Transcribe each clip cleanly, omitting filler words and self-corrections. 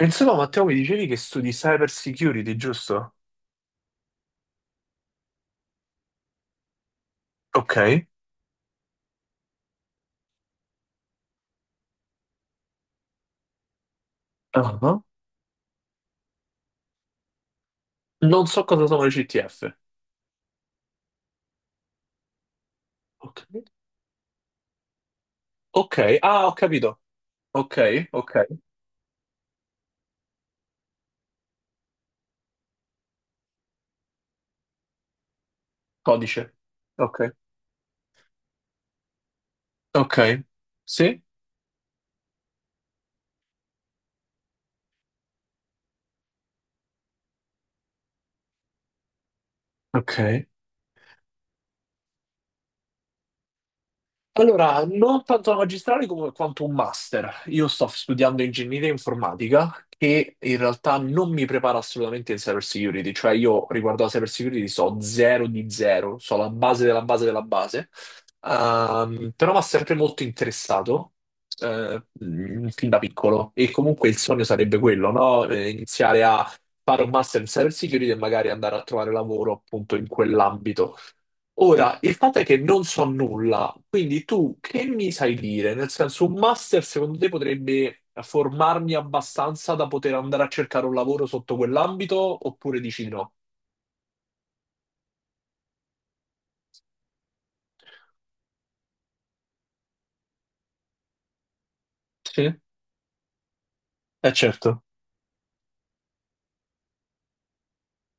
Insomma, Matteo, mi dicevi che studi cyber security, giusto? Ok. Ah, non so cosa sono le CTF. Ok. Ok. Ah, ho capito. Ok, ok. Codice. Ok. Ok. Sì? Ok. Allora, non tanto la magistrale come quanto un master. Io sto studiando ingegneria informatica che in realtà non mi prepara assolutamente in cyber security, cioè io riguardo alla cyber security so zero di zero, so la base della base della base, però mi ha sempre molto interessato fin da piccolo e comunque il sogno sarebbe quello, no? Iniziare a fare un master in cyber security e magari andare a trovare lavoro appunto in quell'ambito. Ora, il fatto è che non so nulla, quindi tu che mi sai dire? Nel senso, un master secondo te potrebbe formarmi abbastanza da poter andare a cercare un lavoro sotto quell'ambito oppure dici no? Sì, è certo.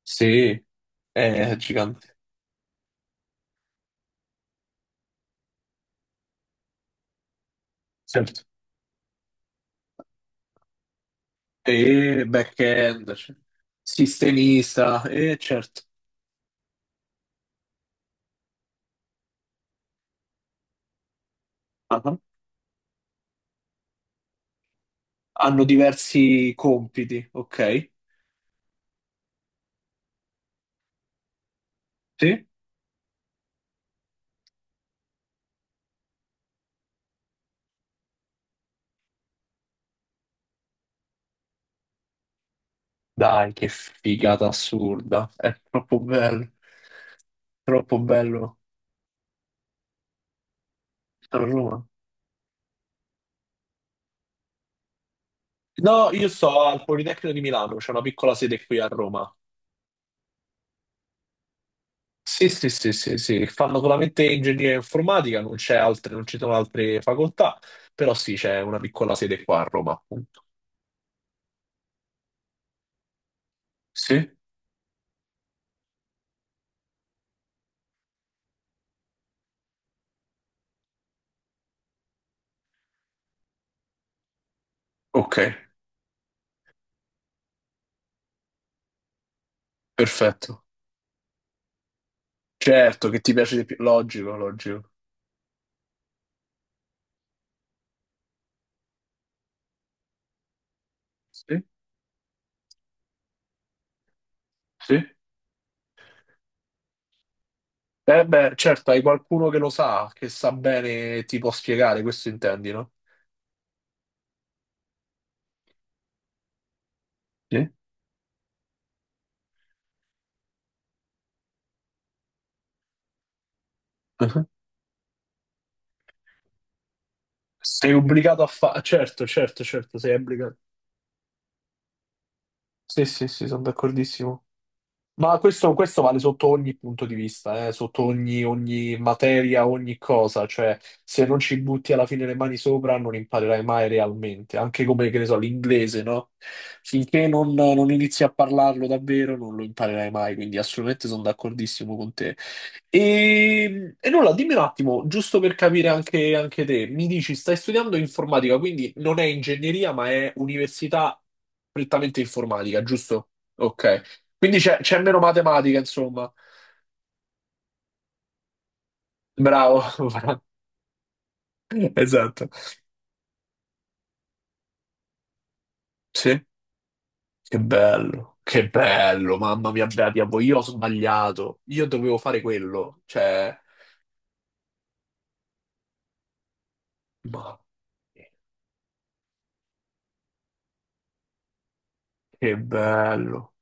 Sì, è gigante. Certo. E back-end, cioè, sistemista, e certo. Ah, ah. Hanno diversi compiti, ok? Sì? Dai, che figata assurda, è troppo bello, troppo bello. Sarò a Roma. No, io sto al Politecnico di Milano, c'è una piccola sede qui a Roma. Sì, sì, sì, sì, sì, fanno solamente ingegneria informatica, non c'è altre, non ci sono altre facoltà, però sì, c'è una piccola sede qua a Roma, appunto. Sì? Ok, perfetto. Certo, che ti piace di più. Logico, logico. Sì, sì. Eh beh, certo, hai qualcuno che lo sa, che sa bene, ti può spiegare, questo intendi, no? Sì. Mhm. Sei obbligato a fare. Certo, certo, certo, sei obbligato. Sì, sì, sì, sono d'accordissimo. Ma questo vale sotto ogni punto di vista, sotto ogni materia, ogni cosa, cioè se non ci butti alla fine le mani sopra non imparerai mai realmente, anche come, che ne so, l'inglese, no? Finché non inizi a parlarlo davvero non lo imparerai mai, quindi assolutamente sono d'accordissimo con te. E nulla, dimmi un attimo, giusto per capire anche te, mi dici, stai studiando informatica, quindi non è ingegneria, ma è università prettamente informatica, giusto? Ok. Quindi c'è meno matematica, insomma. Bravo, esatto. Sì, che bello, mamma mia, bella diavolo, io ho sbagliato, io dovevo fare quello, cioè, ma che bello,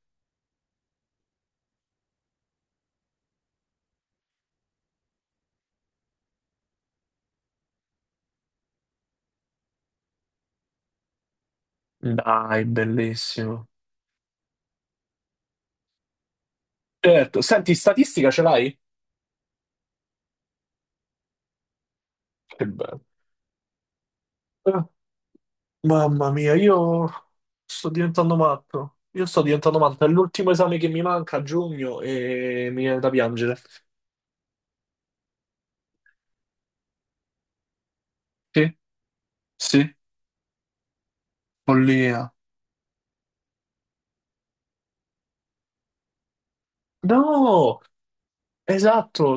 dai, bellissimo. Certo, senti, statistica ce l'hai? Che bello. Eh, Mamma mia, io sto diventando matto, io sto diventando matto, è l'ultimo esame che mi manca a giugno e mi viene da piangere. Sì, sì, follia. No, esatto,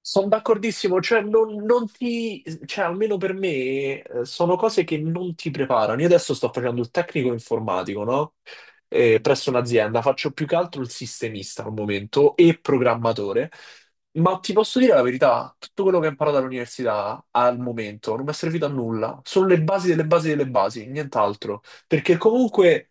sono d'accordissimo, cioè non ti, cioè almeno per me sono cose che non ti preparano. Io adesso sto facendo il tecnico informatico, no? Presso un'azienda, faccio più che altro il sistemista al momento e programmatore, ma ti posso dire la verità, tutto quello che ho imparato all'università al momento non mi è servito a nulla, sono le basi delle basi delle basi, nient'altro, perché comunque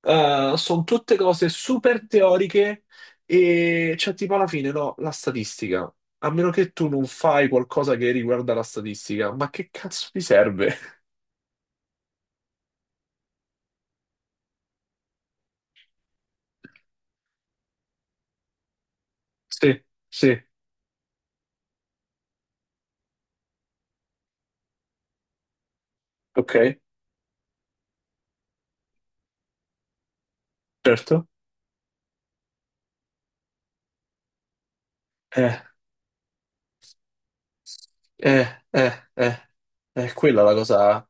Sono tutte cose super teoriche e cioè tipo alla fine no, la statistica. A meno che tu non fai qualcosa che riguarda la statistica, ma che cazzo ti serve? Sì, sì, ok, certo. Eh, eh, eh, eh, quella è la cosa.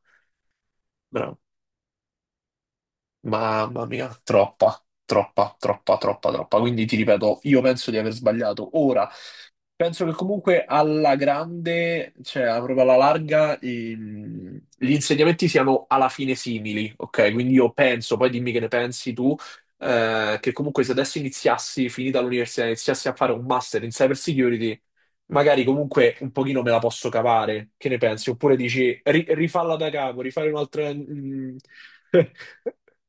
Bravo. Mamma mia, troppa, troppa, troppa, troppa, troppa. Quindi ti ripeto, io penso di aver sbagliato ora. Penso che comunque alla grande, cioè proprio alla larga, gli insegnamenti siano alla fine simili, ok? Quindi io penso, poi dimmi che ne pensi tu, che comunque se adesso iniziassi, finita l'università, iniziassi a fare un master in cyber security, magari comunque un pochino me la posso cavare, che ne pensi? Oppure dici, "Rifalla da capo, rifare un'altra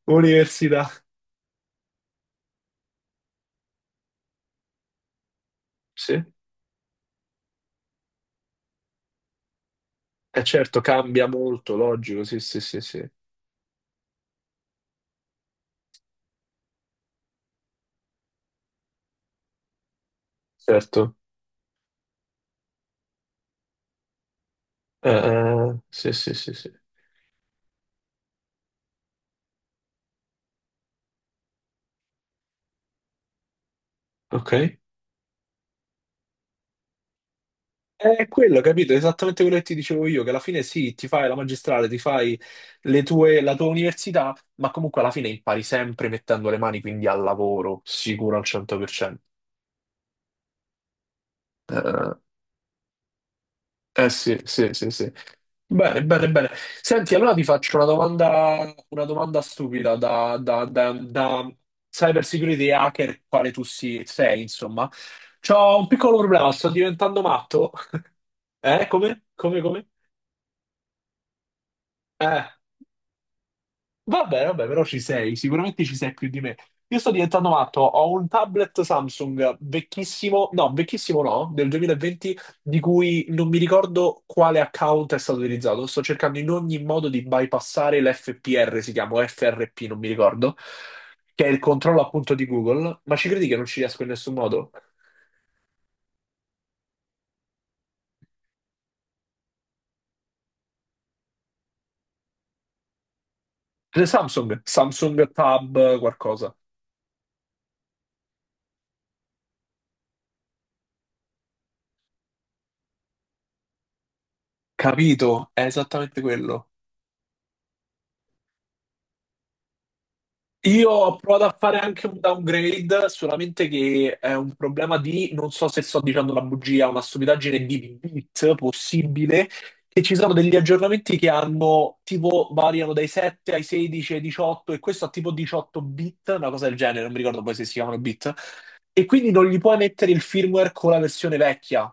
università. Sì, è certo, cambia molto, logico, sì, sì, sì, sì, certo. Sì, sì, sì, sì. Ok. È quello, capito? Esattamente quello che ti dicevo io, che alla fine sì, ti fai la magistrale, ti fai la tua università, ma comunque alla fine impari sempre mettendo le mani, quindi al lavoro, sicuro al 100%. Eh, eh sì, sì, sì, sì. Bene, bene, bene. Senti, allora ti faccio una domanda stupida da, cyber security hacker, quale tu sei, insomma. C'ho un piccolo problema, sto diventando matto. Come? Come, come? Eh. Vabbè, vabbè, però ci sei, sicuramente ci sei più di me. Io sto diventando matto, ho un tablet Samsung vecchissimo no, del 2020, di cui non mi ricordo quale account è stato utilizzato. Sto cercando in ogni modo di bypassare l'FPR, si chiama o FRP, non mi ricordo, che è il controllo appunto di Google, ma ci credi che non ci riesco in nessun modo? Samsung, Samsung Tab qualcosa. Capito, è esattamente quello. Io ho provato a fare anche un downgrade, solamente che è un problema di, non so se sto dicendo una bugia, una stupidaggine di bit possibile, che ci sono degli aggiornamenti che hanno, tipo, variano dai 7 ai 16 ai 18, e questo ha tipo 18 bit, una cosa del genere, non mi ricordo poi se si chiamano bit, e quindi non gli puoi mettere il firmware con la versione vecchia.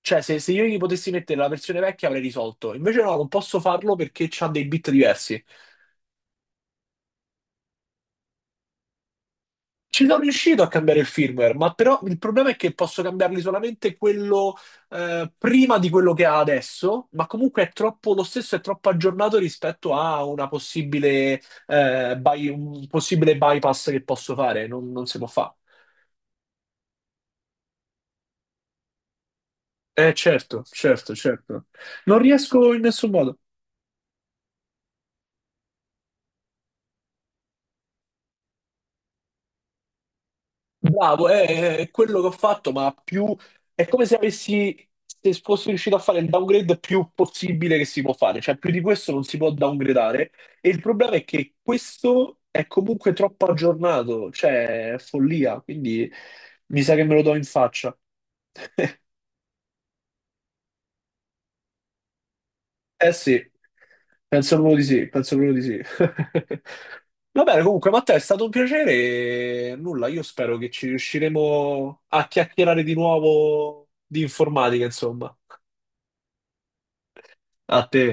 Cioè, se io gli potessi mettere la versione vecchia avrei risolto, invece no, non posso farlo perché c'ha dei bit diversi. Ci sono riuscito a cambiare il firmware, ma però il problema è che posso cambiarli solamente quello prima di quello che ha adesso, ma comunque è troppo lo stesso, è troppo aggiornato rispetto a una possibile, un possibile bypass che posso fare, non si può fare. Eh certo, certo, certo. Non riesco in nessun modo. Bravo, è quello che ho fatto, ma più è come se avessi, se fossi riuscito a fare il downgrade più possibile che si può fare, cioè più di questo non si può downgradare e il problema è che questo è comunque troppo aggiornato, cioè è follia, quindi mi sa che me lo do in faccia. Eh sì, penso proprio di sì, penso proprio di sì. Va bene, comunque, Matteo, è stato un piacere e nulla, io spero che ci riusciremo a chiacchierare di nuovo di informatica, insomma. A te.